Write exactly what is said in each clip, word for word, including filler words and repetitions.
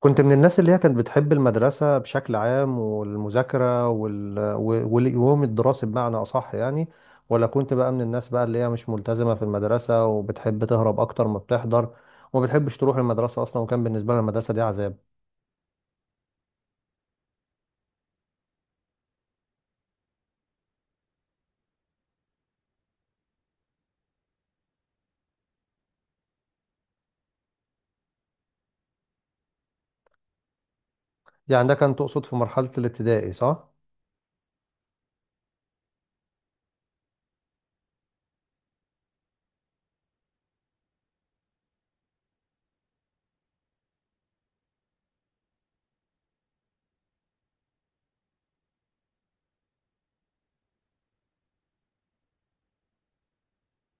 كنت من الناس اللي هي كانت بتحب المدرسة بشكل عام والمذاكرة وال... و- واليوم الدراسي بمعنى أصح يعني، ولا كنت بقى من الناس بقى اللي هي مش ملتزمة في المدرسة وبتحب تهرب أكتر ما بتحضر، وما بتحبش تروح المدرسة أصلا، وكان بالنسبة لها المدرسة دي عذاب. يعني ده كان تقصد في مرحلة الابتدائي صح؟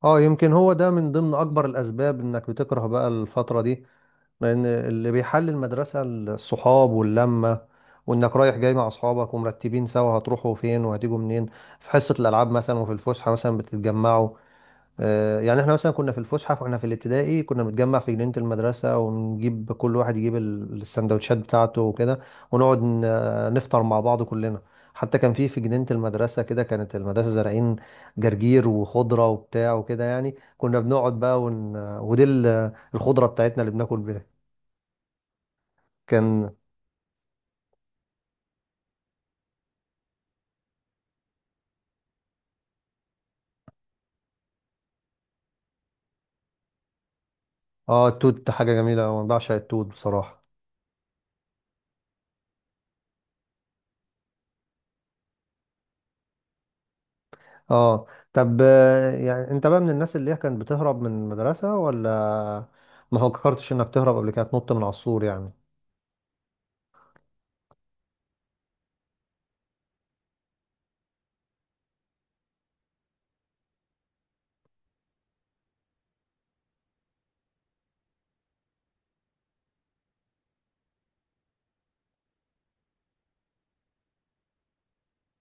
اه، يمكن هو ده من ضمن اكبر الاسباب انك بتكره بقى الفترة دي، لان اللي بيحل المدرسة الصحاب واللمة، وانك رايح جاي مع اصحابك ومرتبين سوا هتروحوا فين وهتيجوا منين، في حصة الالعاب مثلا وفي الفسحة مثلا بتتجمعوا. آه، يعني احنا مثلا كنا في الفسحه واحنا في الابتدائي كنا بنتجمع في جنينه المدرسه، ونجيب كل واحد يجيب ال- السندوتشات بتاعته وكده، ونقعد ن- آه، نفطر مع بعض كلنا. حتى كان في في جنينه المدرسه كده كانت المدرسه زارعين جرجير وخضره وبتاع وكده، يعني كنا بنقعد بقى ون... آه، ودي ال- آه، الخضره بتاعتنا اللي بناكل بيها. كان اه التوت حاجه جميله أوي، انا بعشق التوت بصراحه. اه، طب، آه، يعني انت بقى من الناس اللي هي كانت بتهرب من المدرسة، ولا ما فكرتش انك تهرب قبل كده تنط من على السور يعني؟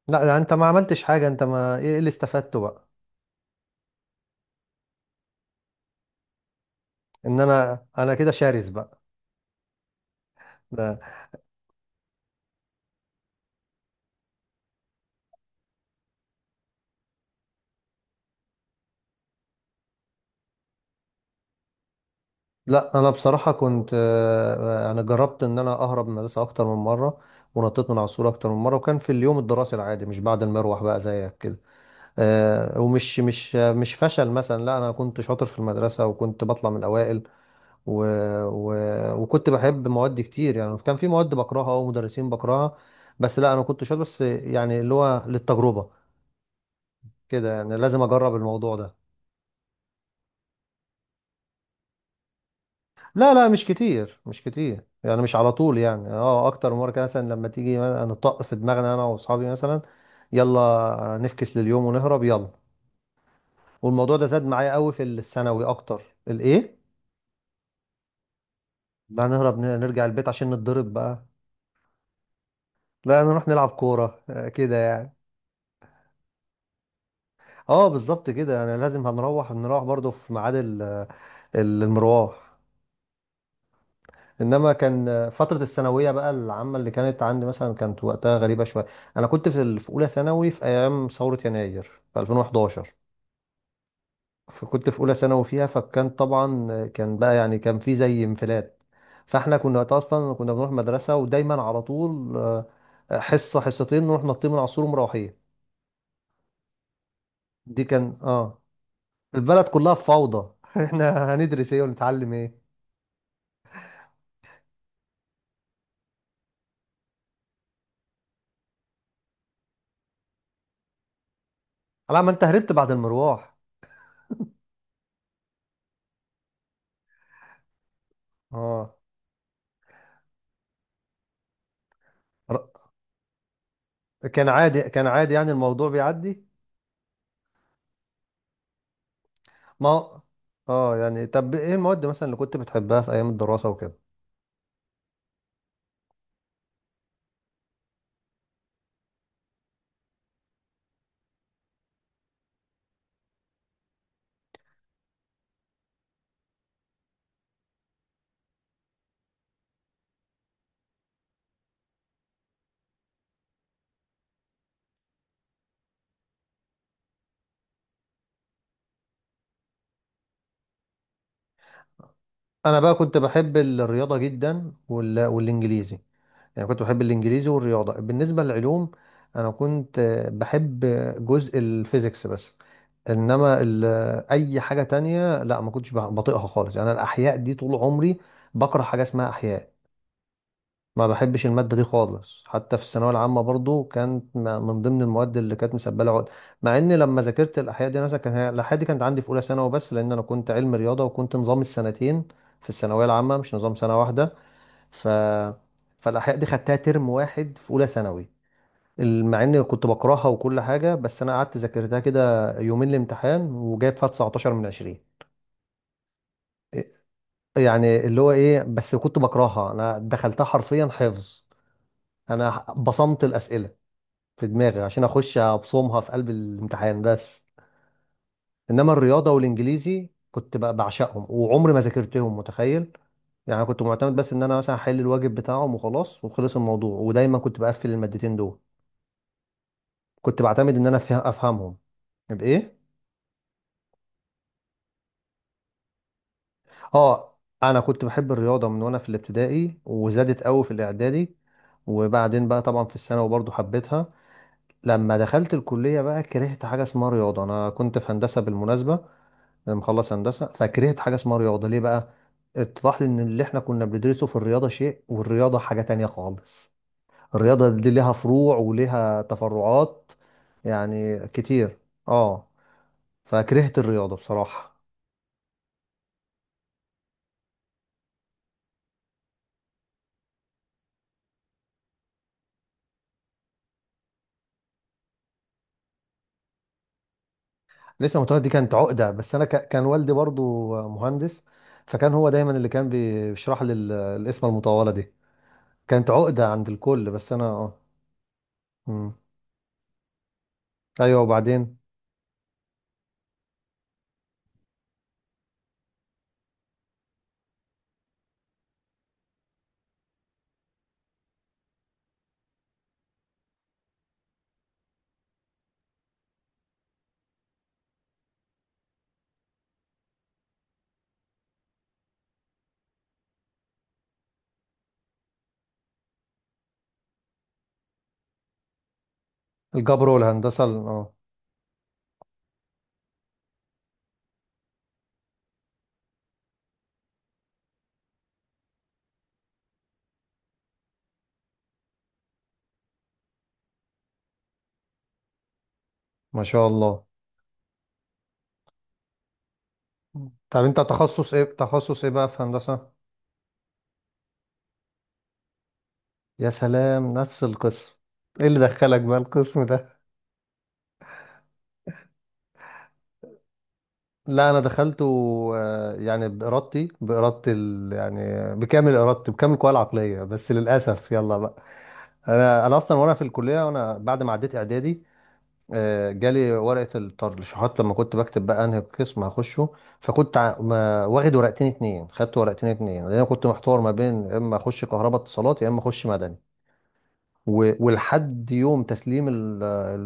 لا ده انت ما عملتش حاجة، انت ما ايه إيه اللي استفدته بقى؟ ان انا انا كده شرس بقى. لا لا، انا بصراحة كنت، آه، انا جربت ان انا اهرب من المدرسة اكتر من مرة، ونطيت من على السور اكتر من مرة، وكان في اليوم الدراسي العادي مش بعد المروح بقى زيك كده. آه، ومش مش مش فشل مثلا، لا انا كنت شاطر في المدرسه وكنت بطلع من الاوائل، و... و... وكنت بحب مواد كتير. يعني كان في مواد بكرهها ومدرسين بكرهها، بس لا انا كنت شاطر، بس يعني اللي هو للتجربه كده، يعني لازم اجرب الموضوع ده. لا لا، مش كتير مش كتير، يعني مش على طول يعني، اه اكتر من مره كده مثلا، لما تيجي مثلاً نطق في دماغنا انا واصحابي مثلا، يلا نفكس لليوم ونهرب يلا. والموضوع ده زاد معايا قوي في الثانوي اكتر. الايه؟ لا نهرب، ن- نرجع البيت عشان نتضرب بقى. لا، نروح نلعب كورة آه، كده يعني. اه، بالظبط كده، يعني لازم هنروح، نروح برضه في ميعاد ال- ال- المروح. انما كان، آه، فترة الثانوية بقى العامة اللي كانت عندي مثلا كانت وقتها غريبة شوية. انا كنت في ال- في اولى ثانوي في ايام ثورة يناير في ألفين وحداشر، فكنت في اولى ثانوي فيها، فكان طبعا، آه، كان بقى، يعني كان في زي انفلات. فاحنا كنا وقتها اصلا كنا بنروح مدرسة ودايما على طول، آه، حصة حصتين نروح نطين من العصور ومروحين. دي كان، اه البلد كلها في فوضى. احنا هندرس ايه ونتعلم ايه؟ على ما انت هربت بعد المروح. اه ر- كان عادي كان عادي، يعني الموضوع بيعدي. ما هو- اه يعني، طب، ايه المواد مثلا اللي كنت بتحبها في ايام الدراسة وكده؟ انا بقى كنت بحب الرياضة جدا، وال... والانجليزي، يعني كنت بحب الانجليزي والرياضة. بالنسبة للعلوم انا كنت، آه، بحب جزء الفيزيكس بس. انما ال- اي حاجه تانية لا، ما كنتش بح- بطيقها خالص. يعني انا الاحياء دي طول عمري بكره حاجه اسمها احياء، ما بحبش الماده دي خالص، حتى في الثانويه العامه برضو كانت م- من ضمن المواد اللي كانت مسبله عقد. مع ان لما ذاكرت الاحياء دي مثلا، كان هي- الاحياء دي كانت عندي في اولى ثانوي، بس لان انا كنت علم رياضه وكنت نظام السنتين في الثانويه العامه مش نظام سنه واحده. ف فالاحياء دي خدتها ترم واحد في اولى ثانوي، مع اني كنت بكرهها وكل حاجه، بس انا قعدت ذاكرتها كده يومين الامتحان وجايب فيها تسعتاشر من عشرين. يعني اللي هو ايه، بس كنت بكرهها، انا دخلتها حرفيا حفظ، انا بصمت الاسئله في دماغي عشان اخش ابصمها في قلب الامتحان بس. انما الرياضه والانجليزي كنت ب- بعشقهم وعمري ما ذاكرتهم، متخيل؟ يعني كنت معتمد بس ان انا مثلا احل الواجب بتاعهم وخلاص وخلص الموضوع، ودايما كنت بقفل المادتين دول، كنت بعتمد ان انا أفه- افهمهم. الايه؟ اه، انا كنت بحب الرياضه من وانا في الابتدائي، وزادت قوي في الاعدادي، وبعدين بقى طبعا في الثانوي برضو حبيتها. لما دخلت الكليه بقى كرهت حاجه اسمها رياضه، انا كنت في هندسه بالمناسبه، انا مخلص هندسه فكرهت حاجه اسمها رياضه. ليه بقى؟ اتضح لي ان اللي احنا كنا بندرسه في الرياضه شيء والرياضه حاجه تانية خالص، الرياضه دي ليها فروع وليها تفرعات يعني كتير. اه، فكرهت الرياضه بصراحه. لسه متولد، دي كانت عقدة، بس أنا ك- كان والدي برضو مهندس، فكان هو دايما اللي كان بي- بيشرح لي ال- القسمة المطولة دي. كانت عقدة عند الكل، بس أنا اه مم. أيوه، وبعدين الجبر والهندسة. ال- اه ما شاء الله. طب أنت تخصص إيه، تخصص إيه بقى في هندسة؟ يا سلام، نفس القسم. إيه اللي دخلك بقى القسم ده؟ لا أنا دخلته، آه، يعني بإرادتي بإرادة ال... يعني بكامل إرادتي بكامل قواي العقلية، بس للأسف يلا بقى. انا انا اصلا وانا في الكليه وانا بعد ما عديت اعدادي، آه، جالي ورقه الترشيحات لما كنت بكتب بقى انهي قسم هخشه، فكنت ع- ما- واخد ورقتين اتنين، خدت ورقتين اتنين لان انا كنت محتار ما بين يا اما اخش كهرباء اتصالات يا اما اخش مدني. و- ولحد يوم تسليم ال-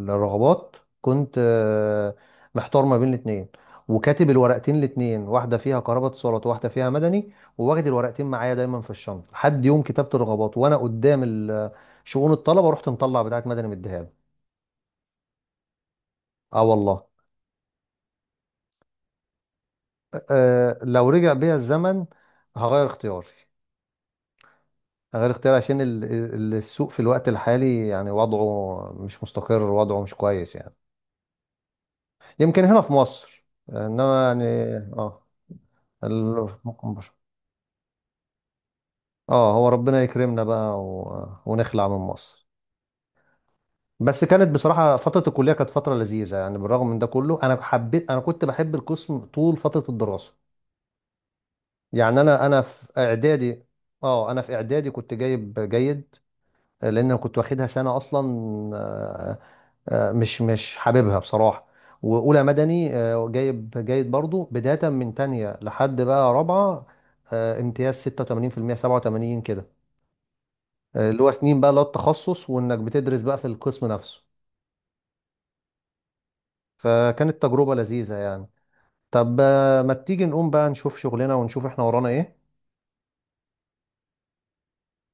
الرغبات كنت، آه، محتار ما بين الاتنين، وكاتب الورقتين الاتنين، واحدة فيها قرابة اتصالات وواحدة فيها مدني، وواخد الورقتين معايا دايما في الشنطة لحد يوم كتابة الرغبات، وانا قدام ال- شؤون الطلبة رحت مطلع بتاعت مدني مديها له. اه والله. آه لو رجع بيا الزمن هغير اختياري، هغير اختياري عشان ال- ال- السوق في الوقت الحالي يعني وضعه مش مستقر، وضعه مش كويس يعني. يمكن هنا في مصر، انما يعني، اه ال- ممكن بره. اه، هو ربنا يكرمنا بقى و... ونخلع من مصر. بس كانت بصراحة فترة الكلية كانت فترة لذيذة، يعني بالرغم من ده كله انا حبيت، انا كنت بحب القسم طول فترة الدراسة. يعني انا انا في اعدادي اه انا في اعدادي كنت جايب جيد، لان أنا كنت واخدها سنة اصلا، آه، مش مش حاببها بصراحة. وأولى مدني آه، جايب جيد برضو، بداية من تانية لحد بقى رابعة آه، امتياز ستة وثمانين في المية سبعة وثمانين كده. آه، اللي هو سنين بقى اللي هو التخصص، وإنك بتدرس بقى في القسم نفسه، فكانت تجربة لذيذة يعني. طب، آه، ما تيجي نقوم بقى نشوف شغلنا ونشوف احنا ورانا ايه؟